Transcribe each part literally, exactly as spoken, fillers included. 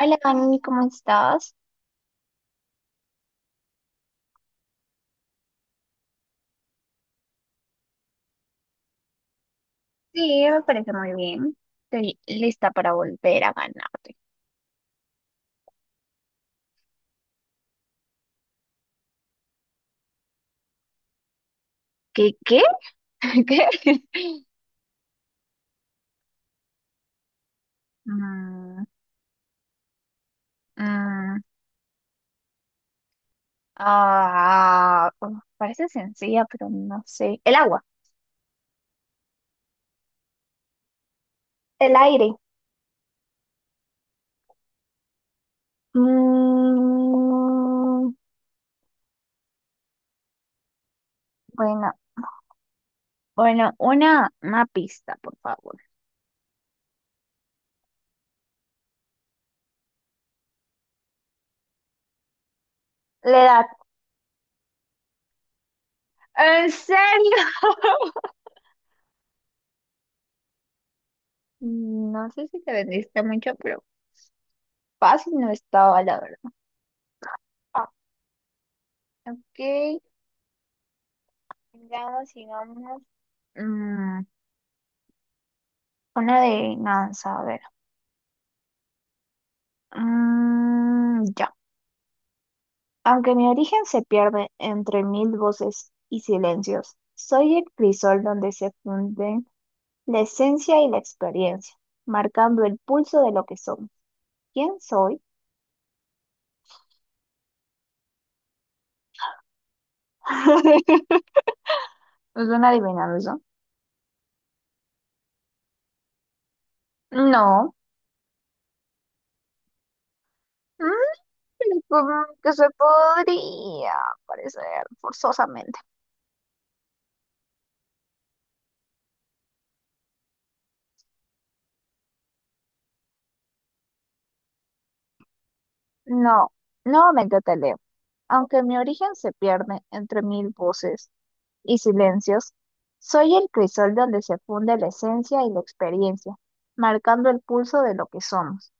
Hola, Dani, ¿cómo estás? Sí, me parece muy bien. Estoy lista para volver a ganarte. ¿Qué? ¿Qué? ¿Qué? Mm, mm, ah, uf, Parece sencilla, pero no sé. El agua, el aire. Mm, bueno, bueno, una, una pista, por favor. La edad. ¿En serio? No sé si te vendiste mucho, pero fácil no estaba, la verdad. Ah, ok. Veamos, digamos, mm, una adivinanza a ver. Mm, ya. Aunque mi origen se pierde entre mil voces y silencios, soy el crisol donde se funden la esencia y la experiencia, marcando el pulso de lo que somos. ¿Quién soy? ¿Es una adivinanza? No. Mm, Supongo que se podría parecer forzosamente. No, nuevamente te leo. Aunque mi origen se pierde entre mil voces y silencios, soy el crisol donde se funde la esencia y la experiencia, marcando el pulso de lo que somos.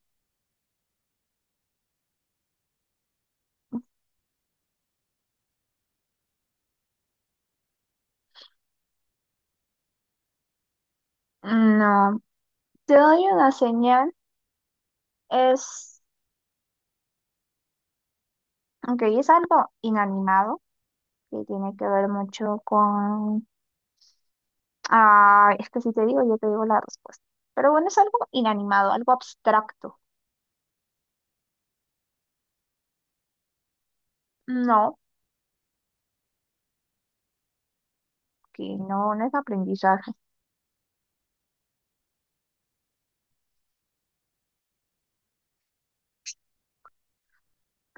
No, te doy una señal, es, aunque es algo inanimado, que tiene que ver mucho con... Ah, es que si te digo, yo te digo la respuesta. Pero bueno, es algo inanimado, algo abstracto. No, que no, no es aprendizaje.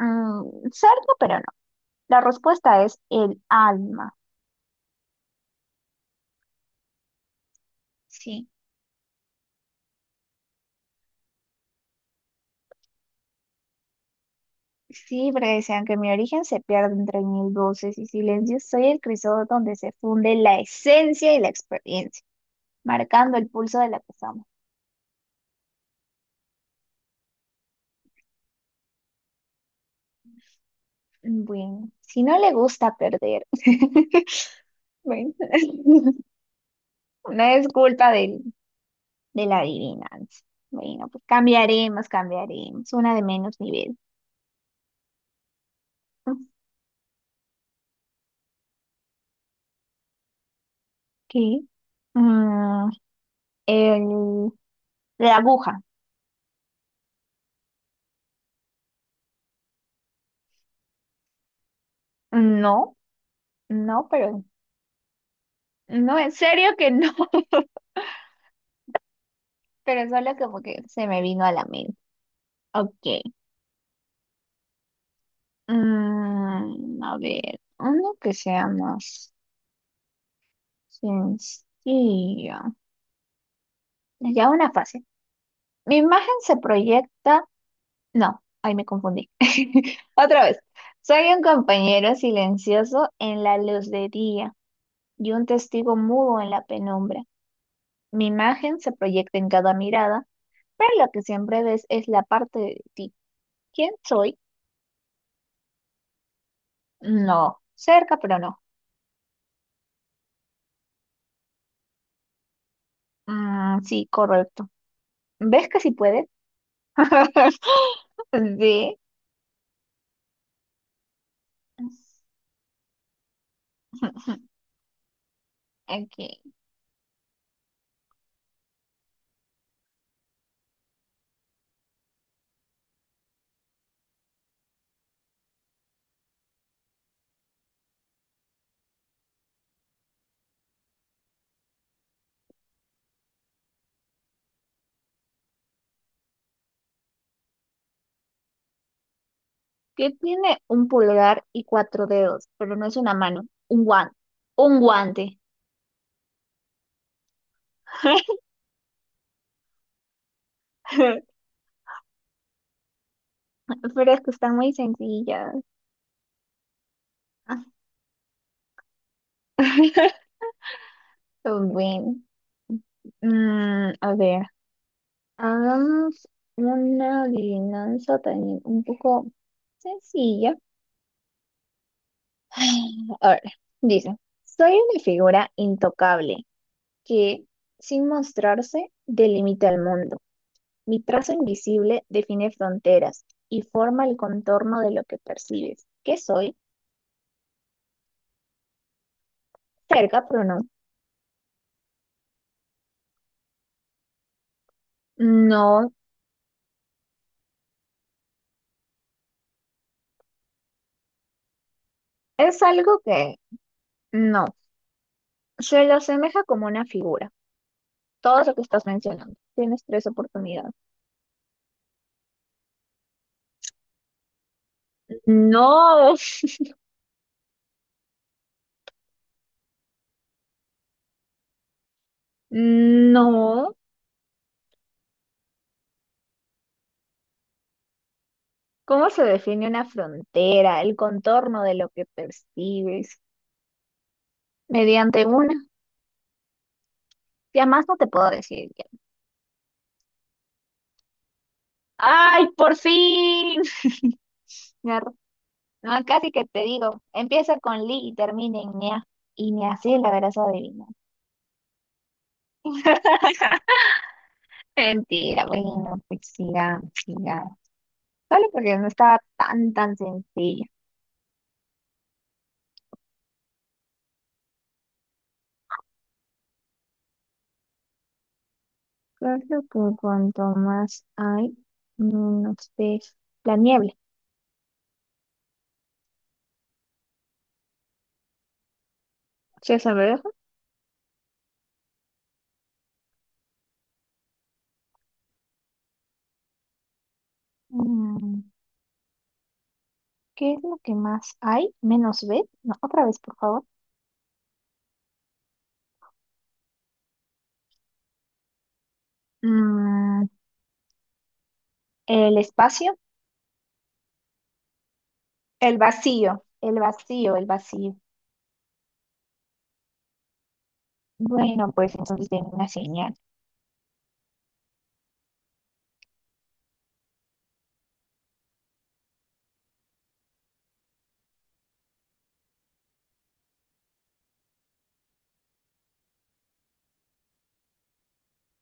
Mm, cerca, pero no. La respuesta es el alma. Sí, sí, porque decían que mi origen se pierde entre mil voces y silencios. Soy el crisol donde se funde la esencia y la experiencia, marcando el pulso de la que somos. Bueno, si no le gusta perder, bueno, no es culpa del, de la adivinanza. Bueno, pues cambiaremos, cambiaremos. Una de menos nivel. ¿Qué? Mm, el, la aguja. No, no, pero no, en serio que no. Pero solo como que se me vino a la mente. Ok. Mm, a ver, uno que sea más sencillo. Ya una fase. Mi imagen se proyecta. No, ahí me confundí. Otra vez. Soy un compañero silencioso en la luz de día y un testigo mudo en la penumbra. Mi imagen se proyecta en cada mirada, pero lo que siempre ves es la parte de ti. ¿Quién soy? No, cerca, pero no. Ah, sí, correcto. ¿Ves que sí puedes? Sí. Aquí. ¿Qué tiene un pulgar y cuatro dedos? Pero no es una mano. Un guante. Un guante. Pero es que están muy sencillas. Bueno. Mm, a ver. Hagamos una adivinanza también un poco sencilla. A ver. Dice. Soy una figura intocable, que, sin mostrarse, delimita el mundo. Mi trazo invisible define fronteras y forma el contorno de lo que percibes. ¿Qué soy? Cerca, pero no. No, es algo que no. Se lo asemeja como una figura. Todo lo que estás mencionando. Tienes tres oportunidades. No, no. ¿Cómo se define una frontera, el contorno de lo que percibes? Mediante una. Ya más no te puedo decir. ¡Ay, por fin! Ya, no, casi que te digo, empieza con Li y termina en Nia. Y ni así la verás adivinar. Mentira, bueno, pues sigamos, sigamos. Solo porque no estaba tan, tan sencilla. Creo que cuanto más hay, menos ves. La niebla. César, ¿me deja? Mm, ¿Qué es lo que más hay? Menos ves. No, otra vez, por favor. Mm, el espacio. El vacío. El vacío, el vacío. Bueno, pues entonces tengo una señal.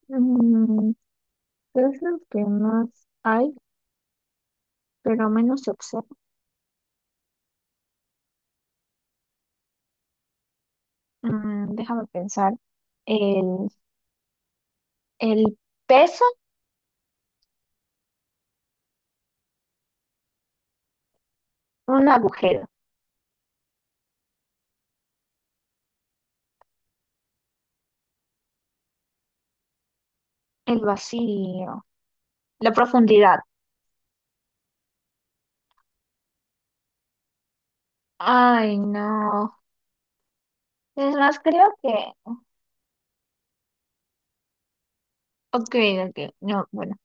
Mm, ¿Qué es lo que más hay, pero menos se observa? Mm, déjame pensar. El, el peso, un agujero, el vacío, la profundidad. Ay, no. Es más, creo que... Ok, ok, no, bueno.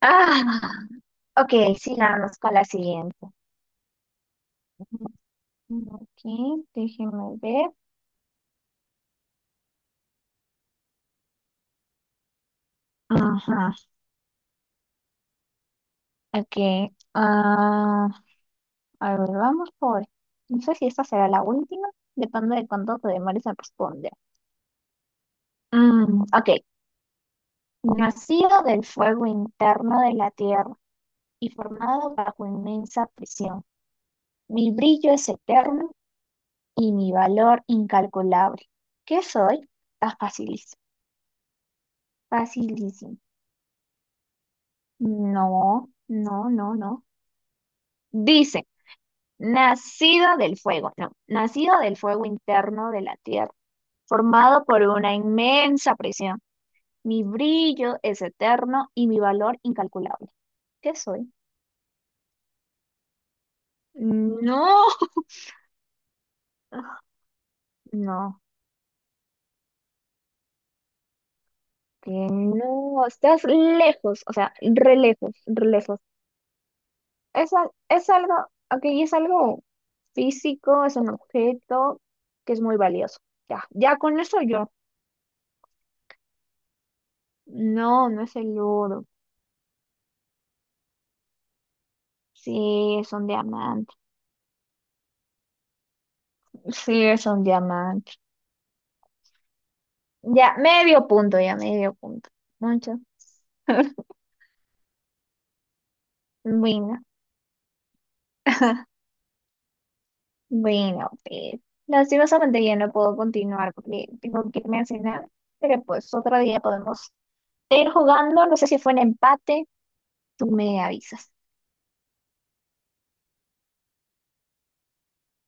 Ah, ok, sigamos con la siguiente. Ok, déjeme ver. Ajá, ok, ah, a ver, vamos por. No sé si esta será la última, depende de cuánto te demores a responder. Mm, ok. Nacido del fuego interno de la tierra y formado bajo inmensa presión. Mi brillo es eterno y mi valor incalculable. ¿Qué soy? Está facilísimo. Facilísimo. No, no, no, no. Dice, nacido del fuego. No, nacido del fuego interno de la tierra, formado por una inmensa presión. Mi brillo es eterno y mi valor incalculable. ¿Qué soy? No, no, que no, estás lejos, o sea, re lejos, re lejos. Es, al- es algo, ok, es algo físico, es un objeto que es muy valioso. Ya, ya con eso yo. No, no es el oro. Sí, es un diamante. Sí, es un diamante. Ya, medio punto, ya, medio punto. Mucho. Bueno. Bueno, pues lastimosamente ya no puedo continuar porque tengo que irme a cenar, pero pues otro día podemos ir jugando, no sé si fue un empate, tú me avisas.